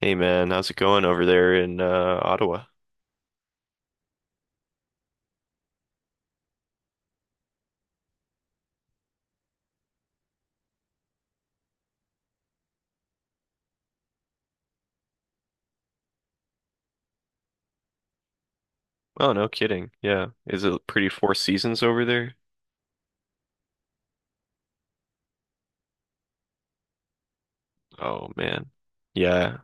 Hey man, how's it going over there in Ottawa? Oh, no kidding. Yeah. Is it pretty Four Seasons over there? Oh man. Yeah.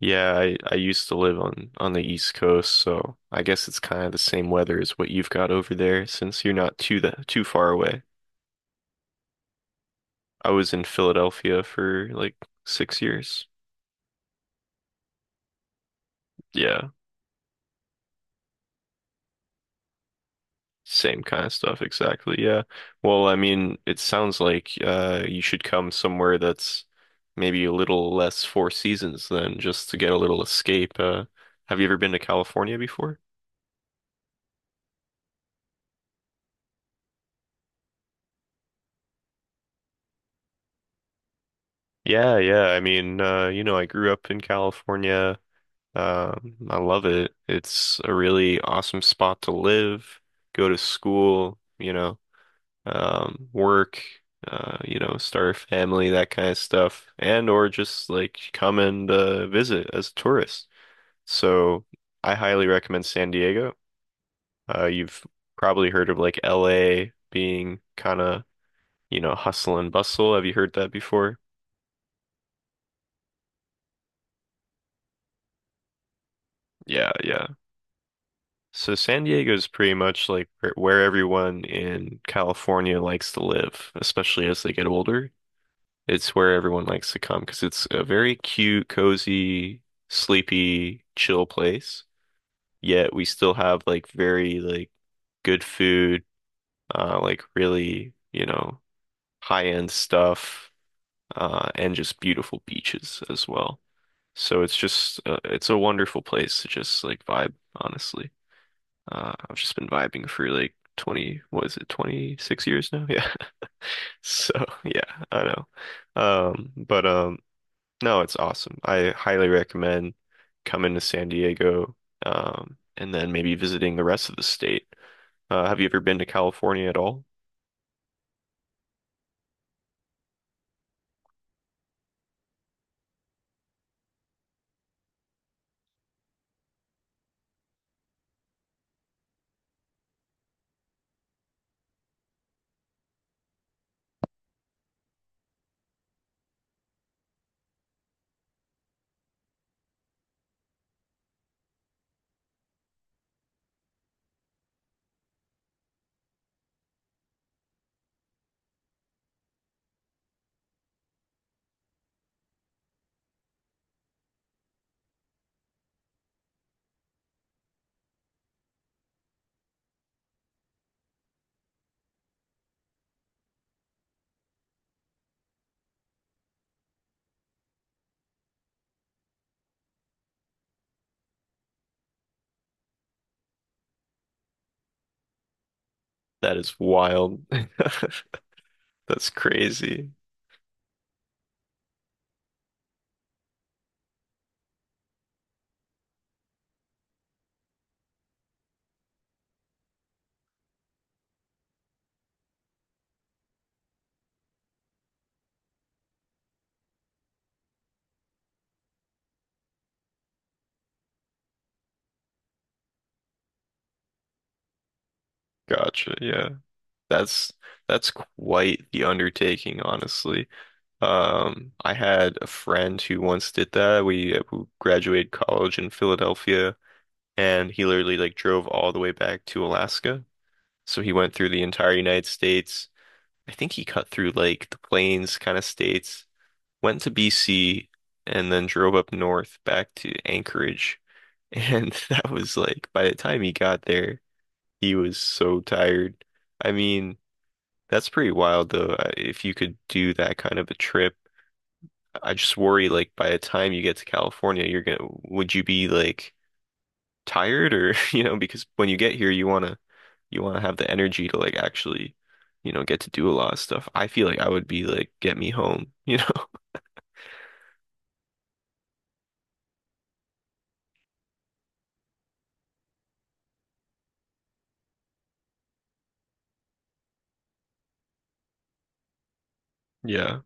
Yeah, I used to live on the East Coast, so I guess it's kind of the same weather as what you've got over there since you're not too far away. I was in Philadelphia for like 6 years. Yeah. Same kind of stuff, exactly. Yeah. Well, I mean, it sounds like you should come somewhere that's maybe a little less Four Seasons than just to get a little escape. Have you ever been to California before? Yeah, yeah. I mean, you know, I grew up in California. I love it. It's a really awesome spot to live, go to school, you know, work, you know, start a family, that kind of stuff, and or just like come and visit as a tourist. So I highly recommend San Diego. You've probably heard of like LA being kind of, you know, hustle and bustle. Have you heard that before? Yeah, yeah. So San Diego is pretty much like where everyone in California likes to live, especially as they get older. It's where everyone likes to come because it's a very cute, cozy, sleepy, chill place. Yet we still have like very like good food, like really, you know, high-end stuff, and just beautiful beaches as well. So it's just it's a wonderful place to just like vibe, honestly. I've just been vibing for like 20, what is it, 26 years now? Yeah. So yeah, I know. But No, it's awesome. I highly recommend coming to San Diego, and then maybe visiting the rest of the state. Have you ever been to California at all? That is wild. That's crazy. Gotcha. Yeah. That's that's quite the undertaking, honestly. I had a friend who once did that. We who graduated college in Philadelphia, and he literally like drove all the way back to Alaska. So he went through the entire United States. I think he cut through like the plains kind of states, went to BC, and then drove up north back to Anchorage. And that was like, by the time he got there, he was so tired. I mean, that's pretty wild though. I- If you could do that kind of a trip, I just worry like by the time you get to California, you're gonna, would you be like tired or you know, because when you get here you want to have the energy to like actually, you know, get to do a lot of stuff. I feel like I would be like, get me home, you know. Yeah,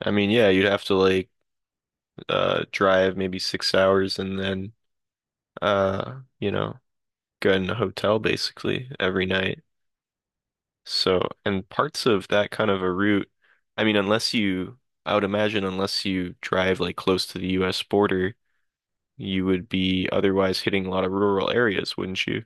I mean, yeah, you'd have to like drive maybe 6 hours and then you know, go in a hotel basically every night. So and parts of that kind of a route, I mean, unless you I would imagine unless you drive like close to the US border, you would be otherwise hitting a lot of rural areas, wouldn't you?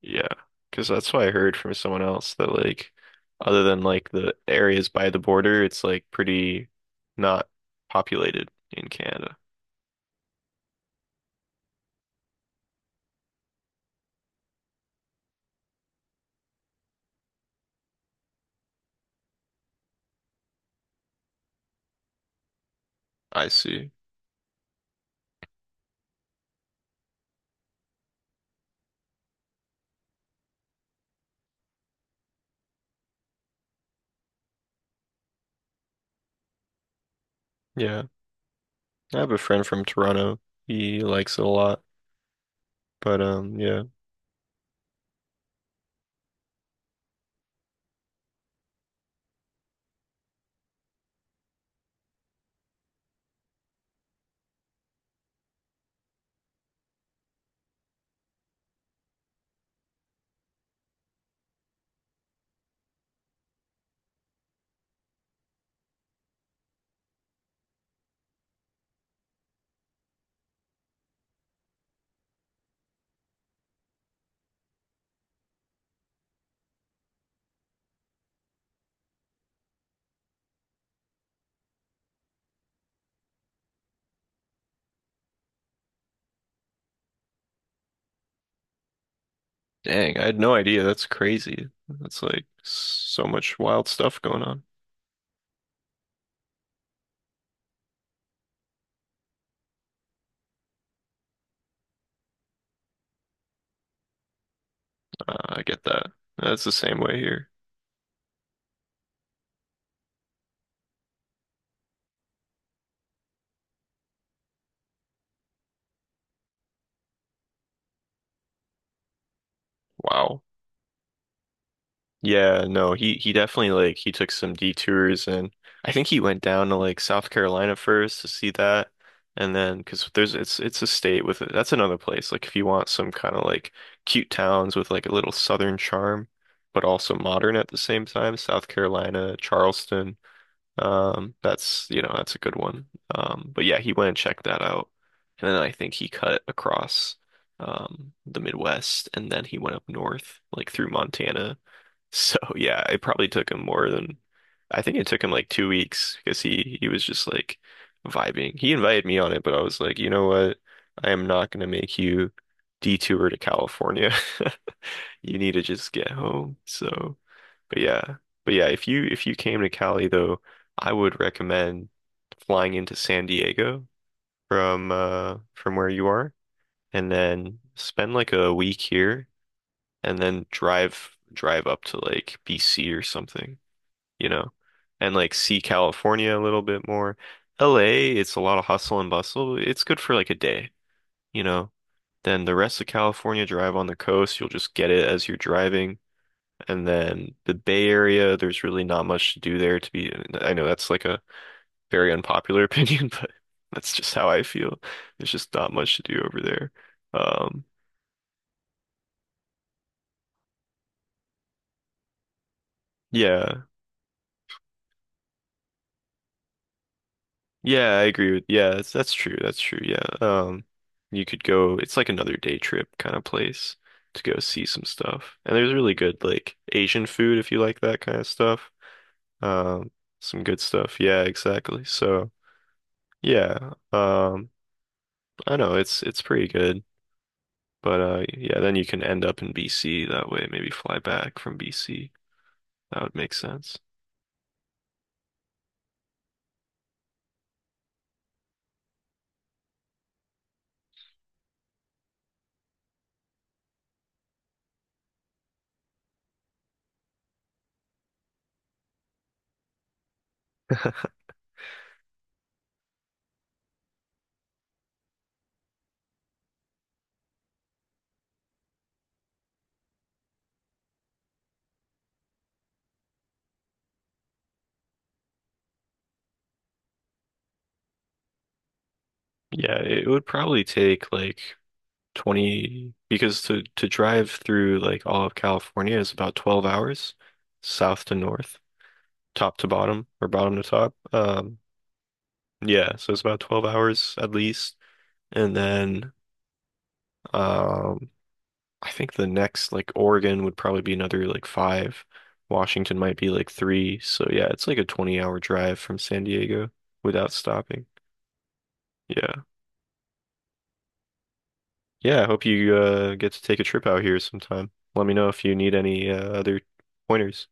Yeah, because that's what I heard from someone else, that like, other than like the areas by the border, it's like pretty not populated in Canada. I see. Yeah, I have a friend from Toronto. He likes it a lot, but yeah. Dang, I had no idea. That's crazy. That's like so much wild stuff going on. I get that. That's the same way here. Wow. Yeah, no, he definitely like he took some detours and I think he went down to like South Carolina first to see that, and then because there's it's a state with that's another place like if you want some kind of like cute towns with like a little southern charm, but also modern at the same time, South Carolina, Charleston, that's, you know, that's a good one. But yeah, he went and checked that out. And then I think he cut across the Midwest and then he went up north, like through Montana. So yeah, it probably took him more than, I think it took him like 2 weeks, because he was just like vibing. He invited me on it, but I was like, you know what? I am not gonna make you detour to California. You need to just get home. So, but yeah, but yeah, if you came to Cali though, I would recommend flying into San Diego from where you are, and then spend like a week here, and then drive up to like BC or something, you know, and like see California a little bit more. LA, it's a lot of hustle and bustle. It's good for like a day, you know. Then the rest of California, drive on the coast, you'll just get it as you're driving. And then the Bay Area, there's really not much to do there to be. I know that's like a very unpopular opinion, but that's just how I feel. There's just not much to do over there. Um, yeah, yeah, I agree with. Yeah, that's true. That's true. Yeah. You could go. It's like another day trip kind of place to go see some stuff. And there's really good like Asian food if you like that kind of stuff. Um, some good stuff. Yeah, exactly. So yeah, I know it's pretty good. But yeah, then you can end up in BC that way, maybe fly back from BC. That would make sense. Yeah, it would probably take like 20, because to drive through like all of California is about 12 hours south to north, top to bottom or bottom to top. Yeah, so it's about 12 hours at least. And then um I think the next, like Oregon would probably be another like five. Washington might be like three. So yeah, it's like a 20-hour hour drive from San Diego without stopping. Yeah. Yeah, I hope you get to take a trip out here sometime. Let me know if you need any other pointers.